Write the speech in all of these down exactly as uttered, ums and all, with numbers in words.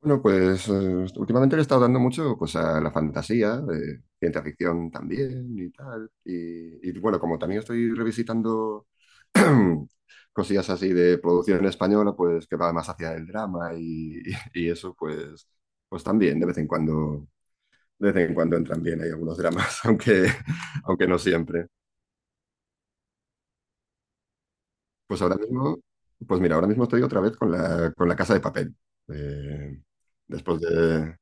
Bueno, pues eh, últimamente le he estado dando mucho pues, a la fantasía, eh, ciencia ficción también y tal. Y, y, bueno, como también estoy revisitando cosillas así de producción española, pues que va más hacia el drama y, y eso, pues, pues también de vez en cuando, de vez en cuando entran bien, hay algunos dramas, aunque, aunque no siempre. Pues ahora mismo, pues mira, ahora mismo estoy otra vez con la, con la Casa de Papel. Eh, después de,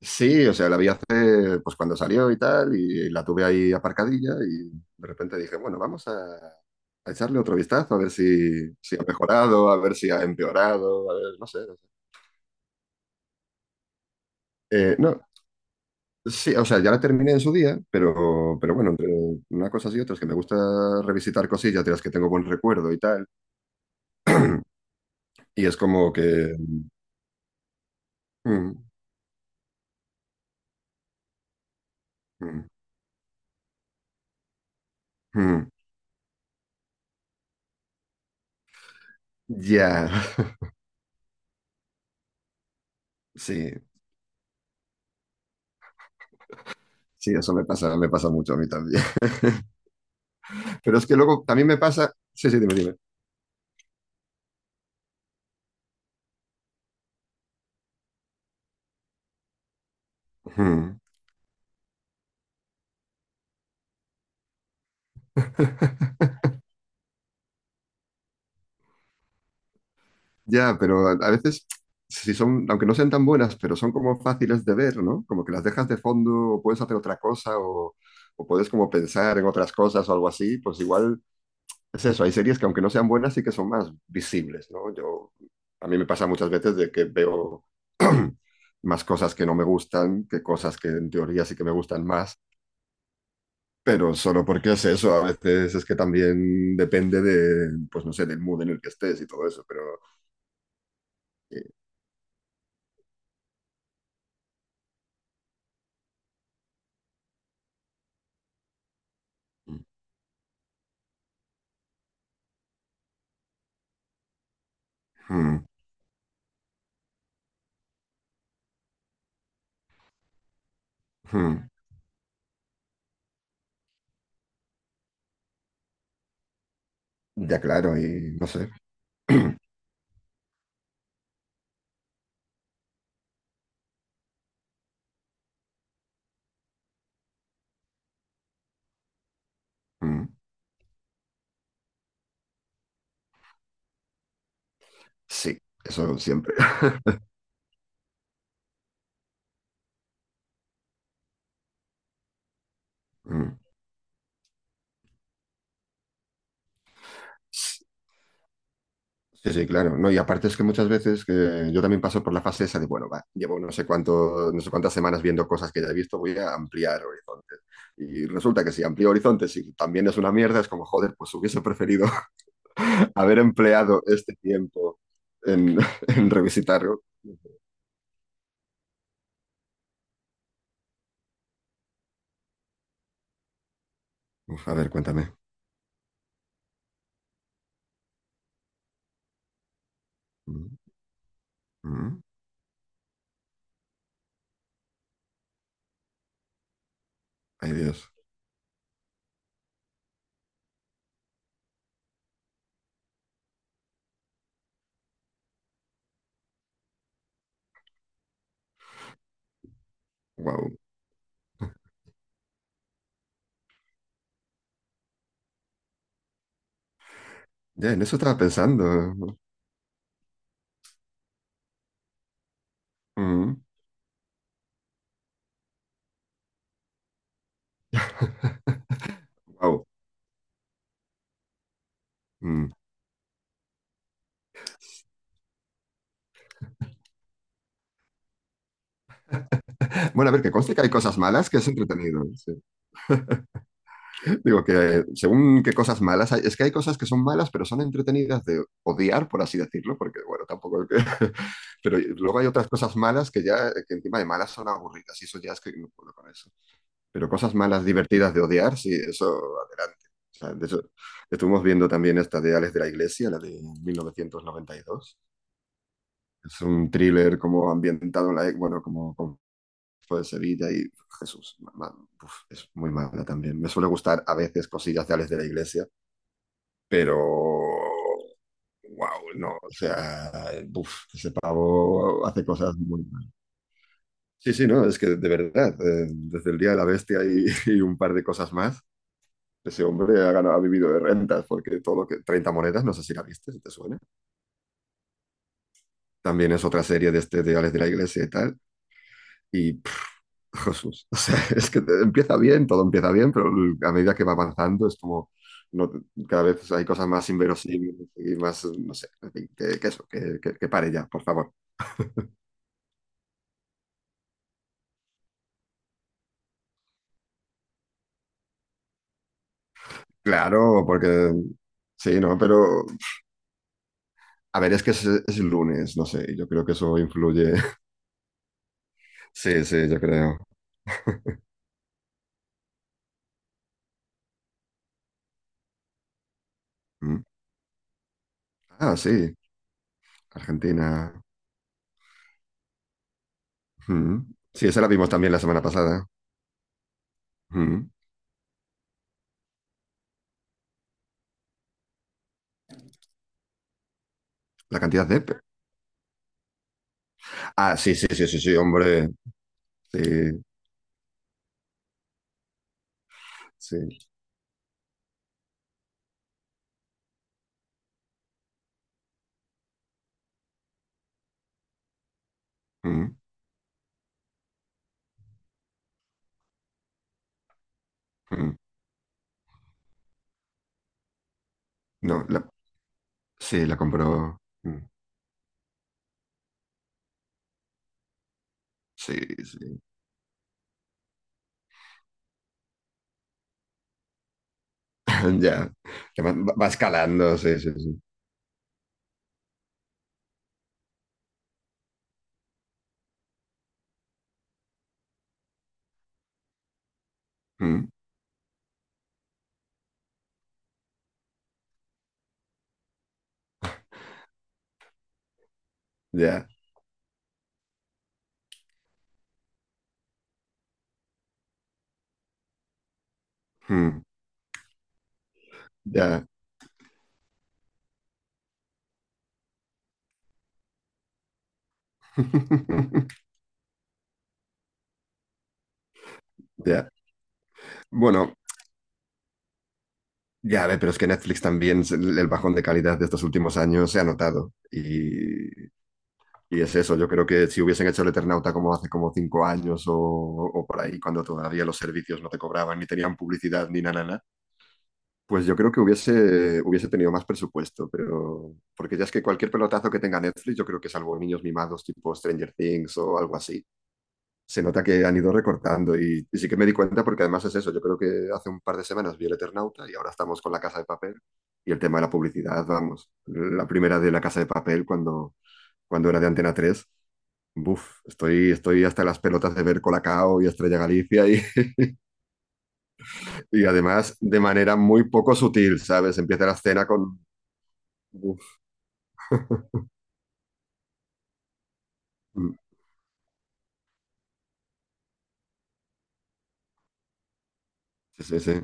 Sí, o sea, la vi hace, pues cuando salió y tal, y la tuve ahí aparcadilla y de repente dije, bueno, vamos a, a echarle otro vistazo, a ver si, si ha mejorado, a ver si ha empeorado, a ver, no sé. no sé. Eh, no, sí, o sea, ya la terminé en su día, pero, pero bueno, entre una cosa y otra es que me gusta revisitar cosillas de las que tengo buen recuerdo y tal, y es como que... mm, mm, mm, ya, sí, sí, eso me pasa, me pasa mucho a mí también. Pero es que luego también me pasa... Sí, sí, dime, dime. Mm. Ya, pero a, a veces, si son, aunque no sean tan buenas, pero son como fáciles de ver, ¿no? Como que las dejas de fondo o puedes hacer otra cosa o, o puedes como pensar en otras cosas o algo así, pues igual es eso. Hay series que aunque no sean buenas sí que son más visibles, ¿no? Yo, a mí me pasa muchas veces de que veo más cosas que no me gustan que cosas que en teoría sí que me gustan más. Pero solo porque es eso, a veces es que también depende de, pues no sé, del mood en el que estés y todo eso, pero... eh, mm, mm. mm. Ya claro, y no sé. Mm, Sí, eso siempre. Mm, s- Sí, sí, claro. No, y aparte es que muchas veces que yo también paso por la fase esa de, bueno, va, llevo no sé cuánto, no sé cuántas semanas viendo cosas que ya he visto, voy a ampliar horizontes. Y resulta que si amplío horizontes y también es una mierda, es como, joder, pues hubiese preferido haber empleado este tiempo en, en revisitarlo. Uf, a ver, cuéntame. Mm, mm, Ay, Dios. Wow. Ya, en eso estaba pensando. ¿No? Mm. Wow. Mm. Bueno, a ver, que conste que hay cosas malas que es entretenido. Sí. Digo que eh, según qué cosas malas hay, es que hay cosas que son malas, pero son entretenidas de odiar, por así decirlo, porque bueno, tampoco es que- Pero luego hay otras cosas malas que ya, que encima de malas son aburridas, y eso ya es que no puedo con eso. Pero cosas malas divertidas de odiar, sí, eso adelante. O sea, de hecho, estuvimos viendo también esta de Ales de la Iglesia, la de mil novecientos noventa y dos. Es un thriller como ambientado en la, e- bueno, como con por el Sevilla y Jesús, man, uf, es muy mala también. Me suele gustar a veces cosillas de Alex de la Iglesia, pero wow, no, o sea, uf, ese pavo hace cosas muy mal. Sí, sí, no, es que de verdad, eh, desde el Día de la Bestia y, y un par de cosas más, ese hombre ha, ganado, ha vivido de rentas, porque todo lo que... treinta monedas, no sé si la viste, si te suena. También es otra serie de este de Alex de la Iglesia y tal. Y Jesús. O sea, es que te- empieza bien, todo empieza bien, pero l- a medida que va avanzando es como no, cada vez hay cosas más inverosímiles y más, no sé, en fin, que, que eso, que, que- que pare ya, por favor. Claro, porque sí, ¿no? Pero a ver, es que es, es lunes, no sé, yo creo que eso influye. Sí, sí, yo creo. Mm. Ah, sí, Argentina. Mm. Sí, esa la vimos también la semana pasada. Mm. La cantidad de... Ah, sí, sí, sí, sí, sí, hombre. Sí, sí. Mm. Mm. No, la- sí, la compró. Mm, sí, sí. Ya. Que va, va escalando, sí, sí, sí. Mm, ya. Mm, ya. Ya. Bueno, ya, a ver, pero es que Netflix también, se- el bajón de calidad de estos últimos años se ha notado. Y, y es eso, yo creo que si hubiesen hecho el Eternauta como hace como cinco años o, o por ahí, cuando todavía los servicios no te cobraban, ni tenían publicidad, ni nada, pues yo creo que hubiese, hubiese tenido más presupuesto, pero porque ya es que cualquier pelotazo que tenga Netflix, yo creo que salvo niños mimados tipo Stranger Things o algo así, se nota que han ido recortando y, y sí que me di cuenta porque además es eso, yo creo que hace un par de semanas vi El Eternauta y ahora estamos con La Casa de Papel y el tema de la publicidad, vamos, la primera de La Casa de Papel cuando, cuando era de Antena tres, buf, estoy, estoy hasta las pelotas de ver Colacao y Estrella Galicia y, y además de manera muy poco sutil, ¿sabes? Empieza la escena con... Mm, sí, sí, sí.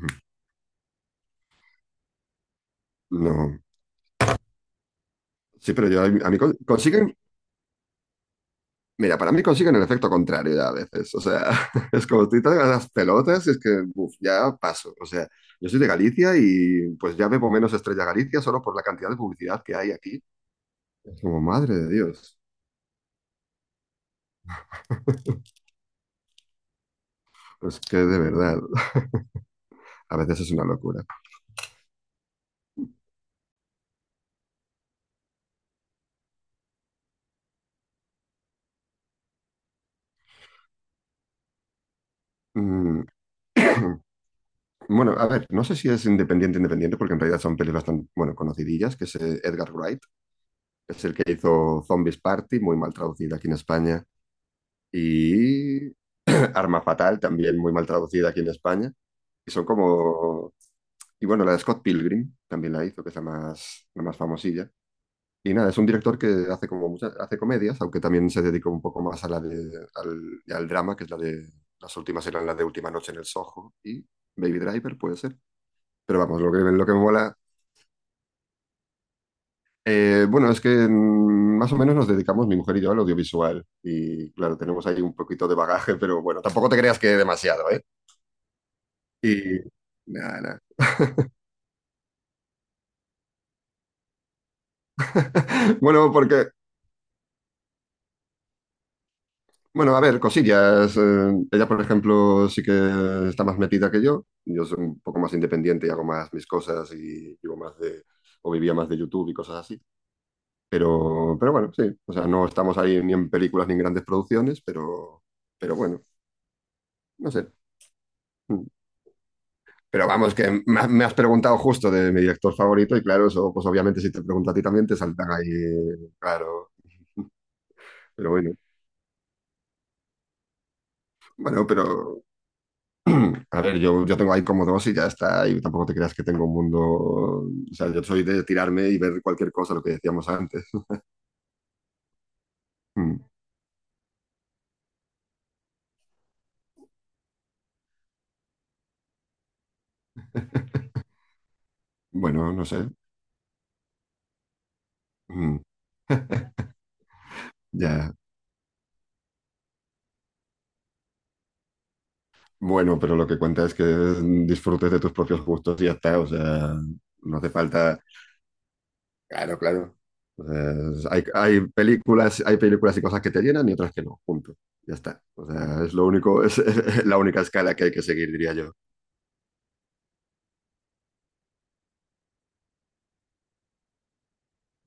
Mm, no. Sí, pero yo a mí, a mí con- consiguen, mira, para mí consiguen el efecto contrario ya a veces. O sea, es como estoy tan a las pelotas y es que, uf, ya paso. O sea, yo soy de Galicia y pues ya bebo menos Estrella Galicia solo por la cantidad de publicidad que hay aquí. Es como, madre de Dios. Es que de verdad, a veces es una locura. Mm, Bueno, a ver, no sé si es independiente, independiente, porque en realidad son pelis bastante, bueno, conocidillas, que es eh, Edgar Wright, es el que hizo Zombies Party, muy mal traducida aquí en España, y Arma Fatal, también muy mal traducida aquí en España. Y son como... Y bueno, la de Scott Pilgrim también la hizo, que es la más, la más famosilla. Y nada, es un director que hace como muchas, hace comedias, aunque también se dedica un poco más a la de, al, al drama, que es la de... Las últimas eran la de Última Noche en el Soho y Baby Driver, puede ser. Pero vamos, lo que, lo que me mola... eh, bueno, es que mm, más o menos nos dedicamos, mi mujer y yo, al audiovisual. Y claro, tenemos ahí un poquito de bagaje, pero bueno, tampoco te creas que demasiado, ¿eh? Y nada, nada. Bueno, porque, bueno, a ver, cosillas. eh, ella, por ejemplo, sí que está más metida que yo. Yo soy un poco más independiente y hago más mis cosas y vivo más de, o vivía más de YouTube y cosas así. Pero, pero bueno, sí. O sea, no estamos ahí ni en películas ni en grandes producciones, pero, pero bueno, no sé. Mm. Pero vamos, que me has me has preguntado justo de mi director favorito y claro, eso, pues obviamente si te pregunto a ti también te saltan ahí, claro. Pero bueno, bueno, pero A ver, yo, yo tengo ahí como dos y ya está, y tampoco te creas que tengo un mundo, o sea, yo soy de tirarme y ver cualquier cosa, lo que decíamos antes. Mm. Bueno, no sé. Mm, ya. Bueno, pero lo que cuenta es que disfrutes de tus propios gustos y ya está. O sea, no hace falta. Claro, claro. O sea, hay, hay películas, hay películas y cosas que te llenan y otras que no. Punto. Ya está. O sea, es lo único, es, la única escala que hay que seguir, diría yo.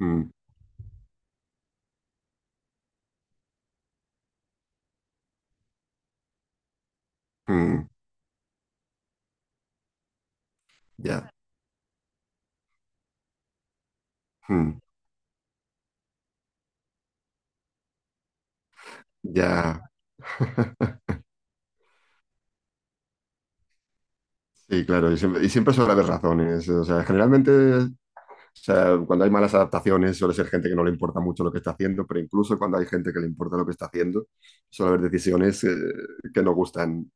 Mm, mm, ya. mm, ya. Sí, claro, y siempre, y siempre suele haber razones. O sea, generalmente, o sea, cuando hay malas adaptaciones, suele ser gente que no le importa mucho lo que está haciendo, pero incluso cuando hay gente que le importa lo que está haciendo, suele haber decisiones eh, que no gustan,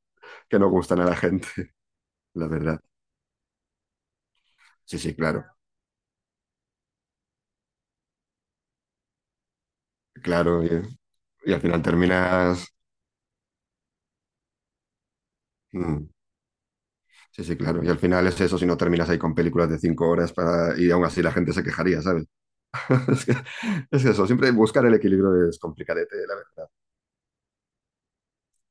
que no gustan a la gente, la verdad. Sí, sí, claro, claro. Y, y al final terminas. mm, sí, sí, claro. Y al final es eso, si no terminas ahí con películas de cinco horas para, y aún así la gente se quejaría, ¿sabes? Es que- es eso, siempre buscar el equilibrio es complicadete, la verdad.